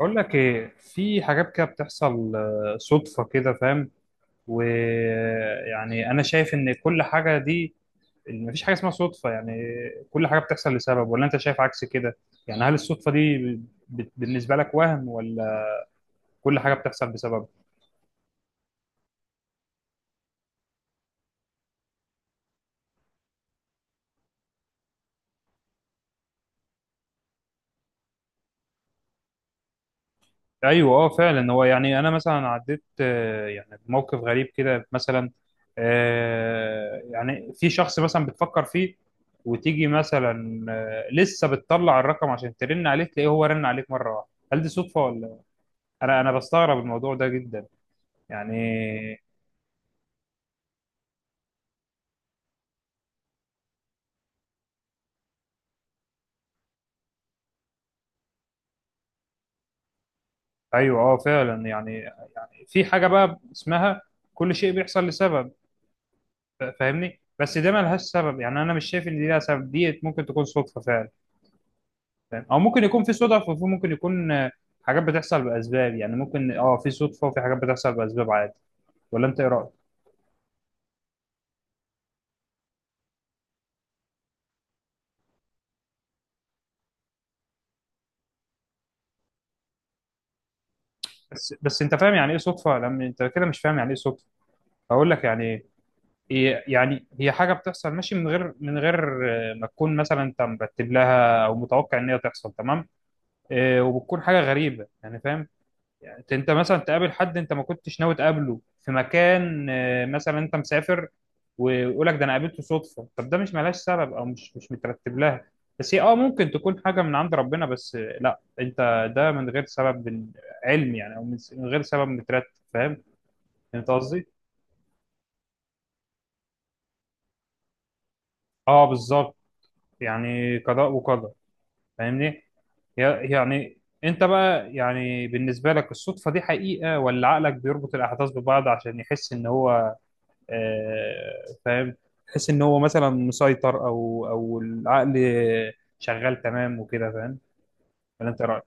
أقول لك إيه، في حاجات كده بتحصل صدفة كده فاهم. ويعني أنا شايف إن كل حاجة دي، مفيش حاجة اسمها صدفة يعني. كل حاجة بتحصل لسبب، ولا أنت شايف عكس كده؟ يعني هل الصدفة دي، بالنسبة لك وهم، ولا كل حاجة بتحصل بسبب؟ ايوه، اه فعلا. هو يعني انا مثلا عديت يعني بموقف غريب كده مثلا. يعني في شخص مثلا بتفكر فيه، وتيجي مثلا لسه بتطلع الرقم عشان ترن عليه، تلاقيه هو رن عليك مره واحده. هل دي صدفه ولا؟ انا بستغرب الموضوع ده جدا يعني. ايوه، اه فعلا يعني. يعني في حاجه بقى اسمها كل شيء بيحصل لسبب. فاهمني، بس ده ملهاش سبب. يعني انا مش شايف ان دي لها سبب، دي ممكن تكون صدفه فعلا. فاهم؟ او ممكن يكون في صدف، وفي ممكن يكون حاجات بتحصل باسباب. يعني ممكن اه، في صدفه وفي حاجات بتحصل باسباب عادي. ولا انت ايه رايك؟ بس انت فاهم يعني ايه صدفه؟ لما انت كده مش فاهم يعني ايه صدفه، هقول لك يعني ايه. يعني هي حاجه بتحصل ماشي، من غير ما تكون مثلا انت مرتب لها، او متوقع ان هي تحصل، تمام؟ وبتكون حاجه غريبه يعني، فاهم؟ يعني انت مثلا تقابل حد انت ما كنتش ناوي تقابله في مكان، مثلا انت مسافر، ويقول لك ده انا قابلته صدفه. طب ده مش ملهاش سبب او مش مترتب لها. بس هي اه، ممكن تكون حاجه من عند ربنا، بس لا، انت ده من غير سبب علمي يعني، او من غير سبب مترتب، فاهم انت قصدي؟ اه بالظبط. يعني قضاء وقدر، فاهمني؟ يعني انت بقى، يعني بالنسبه لك الصدفه دي حقيقه، ولا عقلك بيربط الاحداث ببعض عشان يحس ان هو فاهم، تحس ان هو مثلا مسيطر، او العقل شغال تمام وكده، فاهم؟ ولا انت إيه رايك؟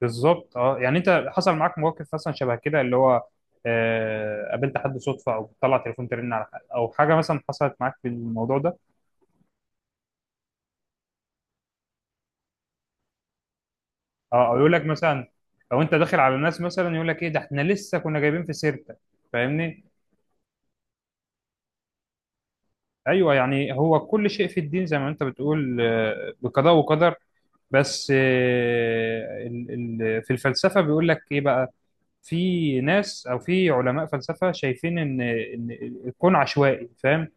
بالظبط، اه. يعني انت حصل معاك مواقف مثلا شبه كده، اللي هو قابلت حد صدفه، او بتطلع تليفون ترن على حد، او حاجه مثلا حصلت معاك في الموضوع ده. اه، او يقول لك مثلا، او انت داخل على الناس مثلا يقول لك ايه ده، احنا لسه كنا جايبين في سيرتك، فاهمني؟ ايوه. يعني هو كل شيء في الدين زي ما انت بتقول بقضاء وقدر. بس في الفلسفه بيقول لك ايه بقى، في ناس او في علماء فلسفه شايفين ان الكون عشوائي، فاهم؟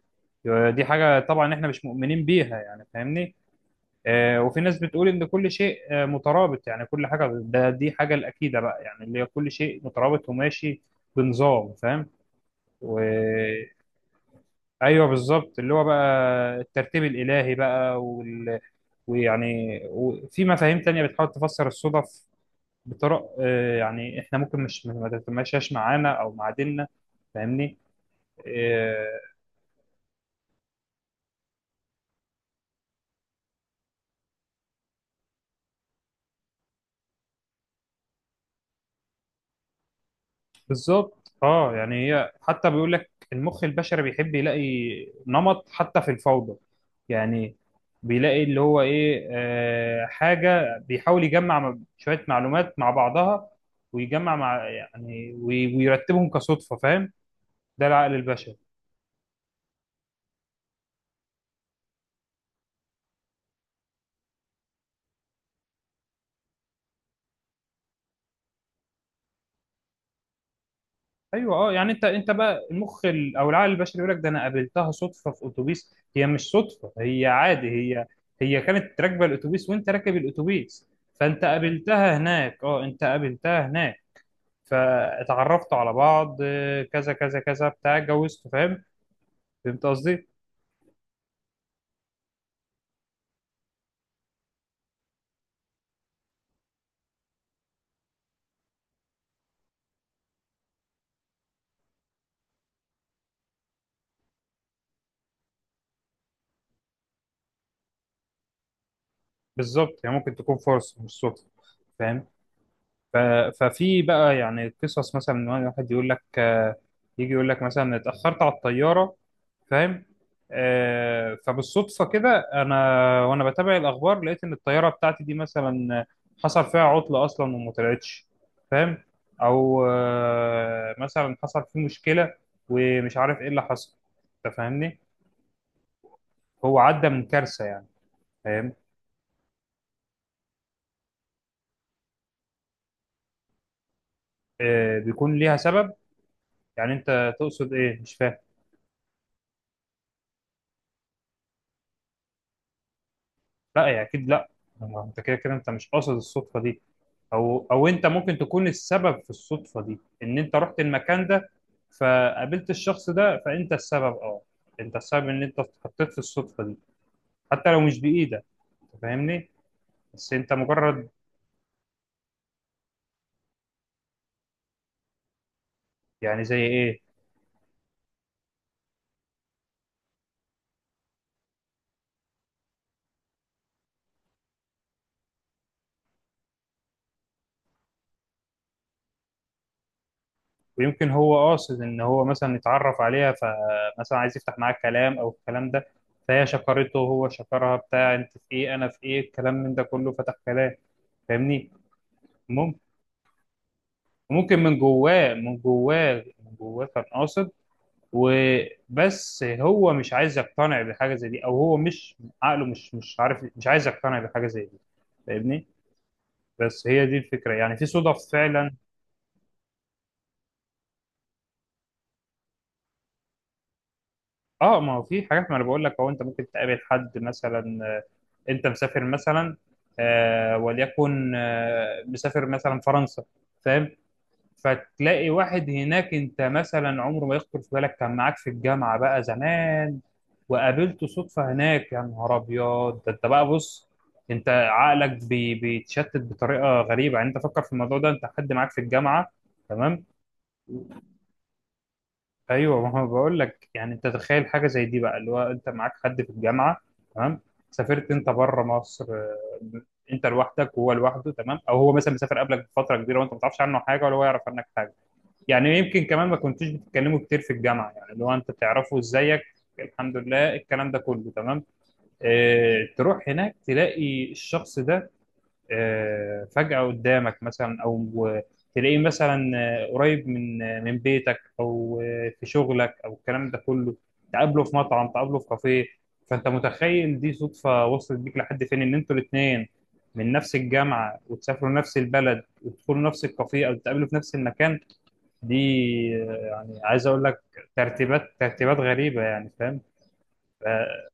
دي حاجه طبعا احنا مش مؤمنين بيها يعني، فاهمني؟ وفي ناس بتقول ان كل شيء مترابط. يعني كل حاجه، ده دي حاجه الاكيده بقى، يعني اللي هي كل شيء مترابط وماشي بنظام، فاهم؟ ايوه بالظبط، اللي هو بقى الترتيب الالهي بقى وال... ويعني وفي مفاهيم تانية بتحاول تفسر الصدف بطرق، يعني احنا ممكن مش ما تتماشاش معانا او مع ديننا، فاهمني؟ آه، بالظبط اه. يعني هي حتى بيقول لك المخ البشري بيحب يلاقي نمط حتى في الفوضى يعني. بيلاقي اللي هو ايه، حاجة بيحاول يجمع شوية معلومات مع بعضها، ويجمع مع يعني ويرتبهم كصدفة، فاهم؟ ده العقل البشري. ايوه اه. يعني انت بقى المخ او العقل البشري يقول لك ده انا قابلتها صدفه في اتوبيس. هي مش صدفه، هي عادي. هي هي كانت راكبه الاتوبيس وانت راكب الاتوبيس، فانت قابلتها هناك. اه انت قابلتها هناك، فاتعرفتوا على بعض، كذا كذا كذا بتاع، اتجوزتوا، فاهم؟ فهمت قصدي؟ بالظبط. هي ممكن تكون فرصه مش صدفه، فاهم؟ ف- ففي بقى يعني قصص مثلا ان واحد يقول لك يجي يقول لك مثلا اتأخرت على الطيارة، فاهم؟ فبالصدفة كده انا وانا بتابع الاخبار، لقيت ان الطيارة بتاعتي دي مثلا حصل فيها عطلة اصلا وما طلعتش، فاهم؟ او مثلا حصل فيه مشكلة، ومش عارف ايه اللي حصل، انت فاهمني؟ هو عدى من كارثة يعني، فاهم؟ بيكون ليها سبب. يعني انت تقصد ايه؟ مش فاهم. لا يعني اكيد لا. ما انت كده كده انت مش قاصد الصدفه دي، او انت ممكن تكون السبب في الصدفه دي، ان انت رحت المكان ده فقابلت الشخص ده. فانت السبب، اه. انت السبب ان انت اتحطيت في الصدفه دي، حتى لو مش بايدك. أنت فاهمني؟ بس انت مجرد. يعني زي ايه؟ ويمكن هو قاصد ان هو مثلا يتعرف عليها، فمثلا عايز يفتح معاك كلام او الكلام ده. فهي شكرته، هو شكرها، بتاع انت في ايه، انا في ايه، الكلام من ده كله، فتح كلام، فاهمني؟ وممكن من جواه كان قاصد، وبس هو مش عايز يقتنع بحاجه زي دي، او هو مش عقله مش عارف، مش عايز يقتنع بحاجه زي دي، فاهمني؟ بس هي دي الفكره، يعني في صدف فعلا. اه، ما هو في حاجات. ما انا بقول لك، هو انت ممكن تقابل حد مثلا، انت مسافر مثلا، آه وليكن آه مسافر مثلا فرنسا، فاهم؟ فتلاقي واحد هناك انت مثلا عمره ما يخطر في بالك، كان معاك في الجامعه بقى زمان، وقابلته صدفه هناك. يا نهار ابيض! ده انت بقى بص، انت عقلك بيتشتت بطريقه غريبه يعني. انت فكر في الموضوع ده، انت حد معاك في الجامعه، تمام؟ ايوه. ما هو بقول لك يعني، انت تخيل حاجه زي دي بقى، اللي هو انت معاك حد في الجامعه، تمام؟ سافرت انت بره مصر، انت لوحدك وهو لوحده، تمام؟ او هو مثلا مسافر قبلك بفتره كبيره، وانت ما تعرفش عنه حاجه، ولا هو يعرف عنك حاجه. يعني يمكن كمان ما كنتوش بتتكلموا كتير في الجامعه، يعني لو انت تعرفه ازيك، الحمد لله، الكلام ده كله. تمام؟ اه، تروح هناك تلاقي الشخص ده، اه، فجأة قدامك مثلا، او تلاقيه مثلا قريب من من بيتك، او في شغلك، او الكلام ده كله. تقابله في مطعم، تقابله في كافيه. فانت متخيل دي صدفة وصلت بيك لحد فين؟ ان انتوا الاثنين من نفس الجامعة، وتسافروا نفس البلد، وتدخلوا نفس الكافيه، او تقابلوا في نفس المكان. دي يعني، عايز اقول لك، ترتيبات غريبه يعني، فاهم؟ اه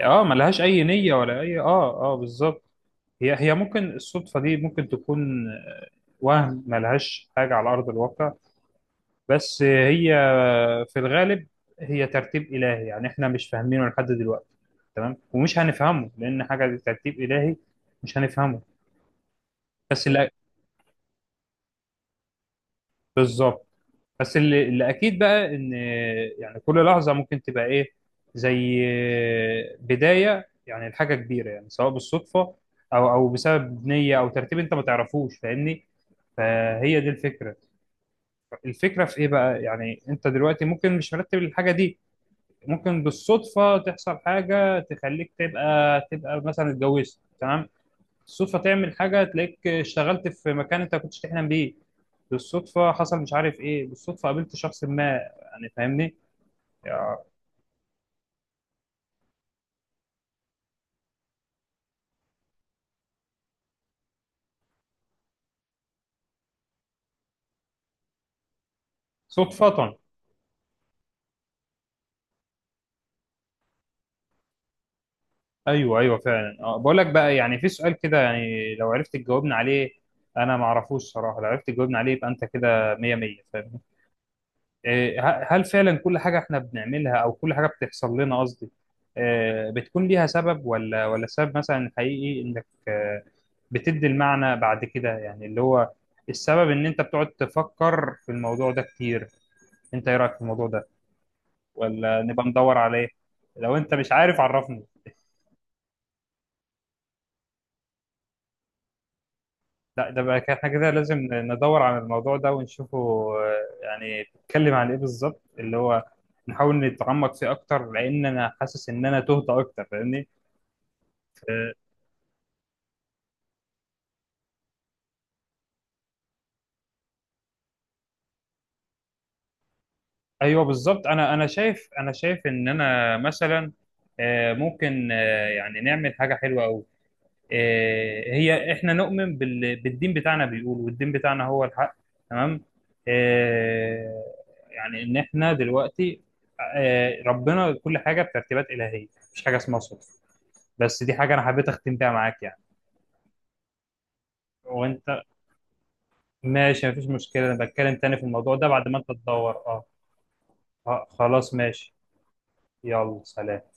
ملهاش اي نيه، ولا اي اه، اه بالظبط. هي ممكن الصدفه دي ممكن تكون وهم، ملهاش حاجه على ارض الواقع. بس هي في الغالب هي ترتيب الهي، يعني احنا مش فاهمينه لحد دلوقتي. تمام؟ ومش هنفهمه، لان حاجه دي ترتيب الهي، مش هنفهمه. بس اللي بالظبط، بس اللي اكيد بقى ان، يعني كل لحظه ممكن تبقى ايه، زي بدايه يعني لحاجه كبيره. يعني سواء بالصدفه، او بسبب نيه، او ترتيب انت ما تعرفوش، فاهمني؟ فهي دي الفكره. الفكره في ايه بقى، يعني انت دلوقتي ممكن مش مرتب الحاجه دي. ممكن بالصدفه تحصل حاجه تخليك تبقى مثلا اتجوزت، تمام؟ بالصدفه تعمل حاجه تلاقيك اشتغلت في مكان انت ما كنتش تحلم بيه. بالصدفه حصل مش عارف ايه، بالصدفه قابلت شخص ما. يعني فاهمني؟ يا- صدفه. ايوه ايوه فعلا. اه بقول لك بقى يعني، في سؤال كده، يعني لو عرفت تجاوبنا عليه، انا ما اعرفوش صراحه. لو عرفت تجاوبنا عليه، يبقى انت كده 100 100، فاهم؟ هل فعلا كل حاجة احنا بنعملها، او كل حاجة بتحصل لنا قصدي، بتكون ليها سبب، ولا السبب مثلا حقيقي انك بتدي المعنى بعد كده، يعني اللي هو السبب ان انت بتقعد تفكر في الموضوع ده كتير. انت ايه رأيك في الموضوع ده، ولا نبقى ندور عليه؟ لو انت مش عارف عرفني. لا، ده بقى احنا كده لازم ندور على الموضوع ده ونشوفه. آه، يعني بيتكلم عن ايه بالظبط، اللي هو نحاول نتعمق فيه اكتر، لان انا حاسس ان انا تهت اكتر، فاهمني؟ آه، ايوه بالظبط. انا شايف، ان انا مثلا ممكن يعني نعمل حاجه حلوه قوي. هي احنا نؤمن بالدين بتاعنا، بيقول والدين بتاعنا هو الحق، تمام؟ آه، يعني ان احنا دلوقتي ربنا كل حاجه بترتيبات الهيه، مفيش حاجه اسمها صدفه. بس دي حاجه انا حبيت اختم بيها معاك يعني. وانت ماشي، مفيش مشكله. انا بتكلم تاني في الموضوع ده بعد ما انت تدور، اه خلاص ماشي. يلا سلام.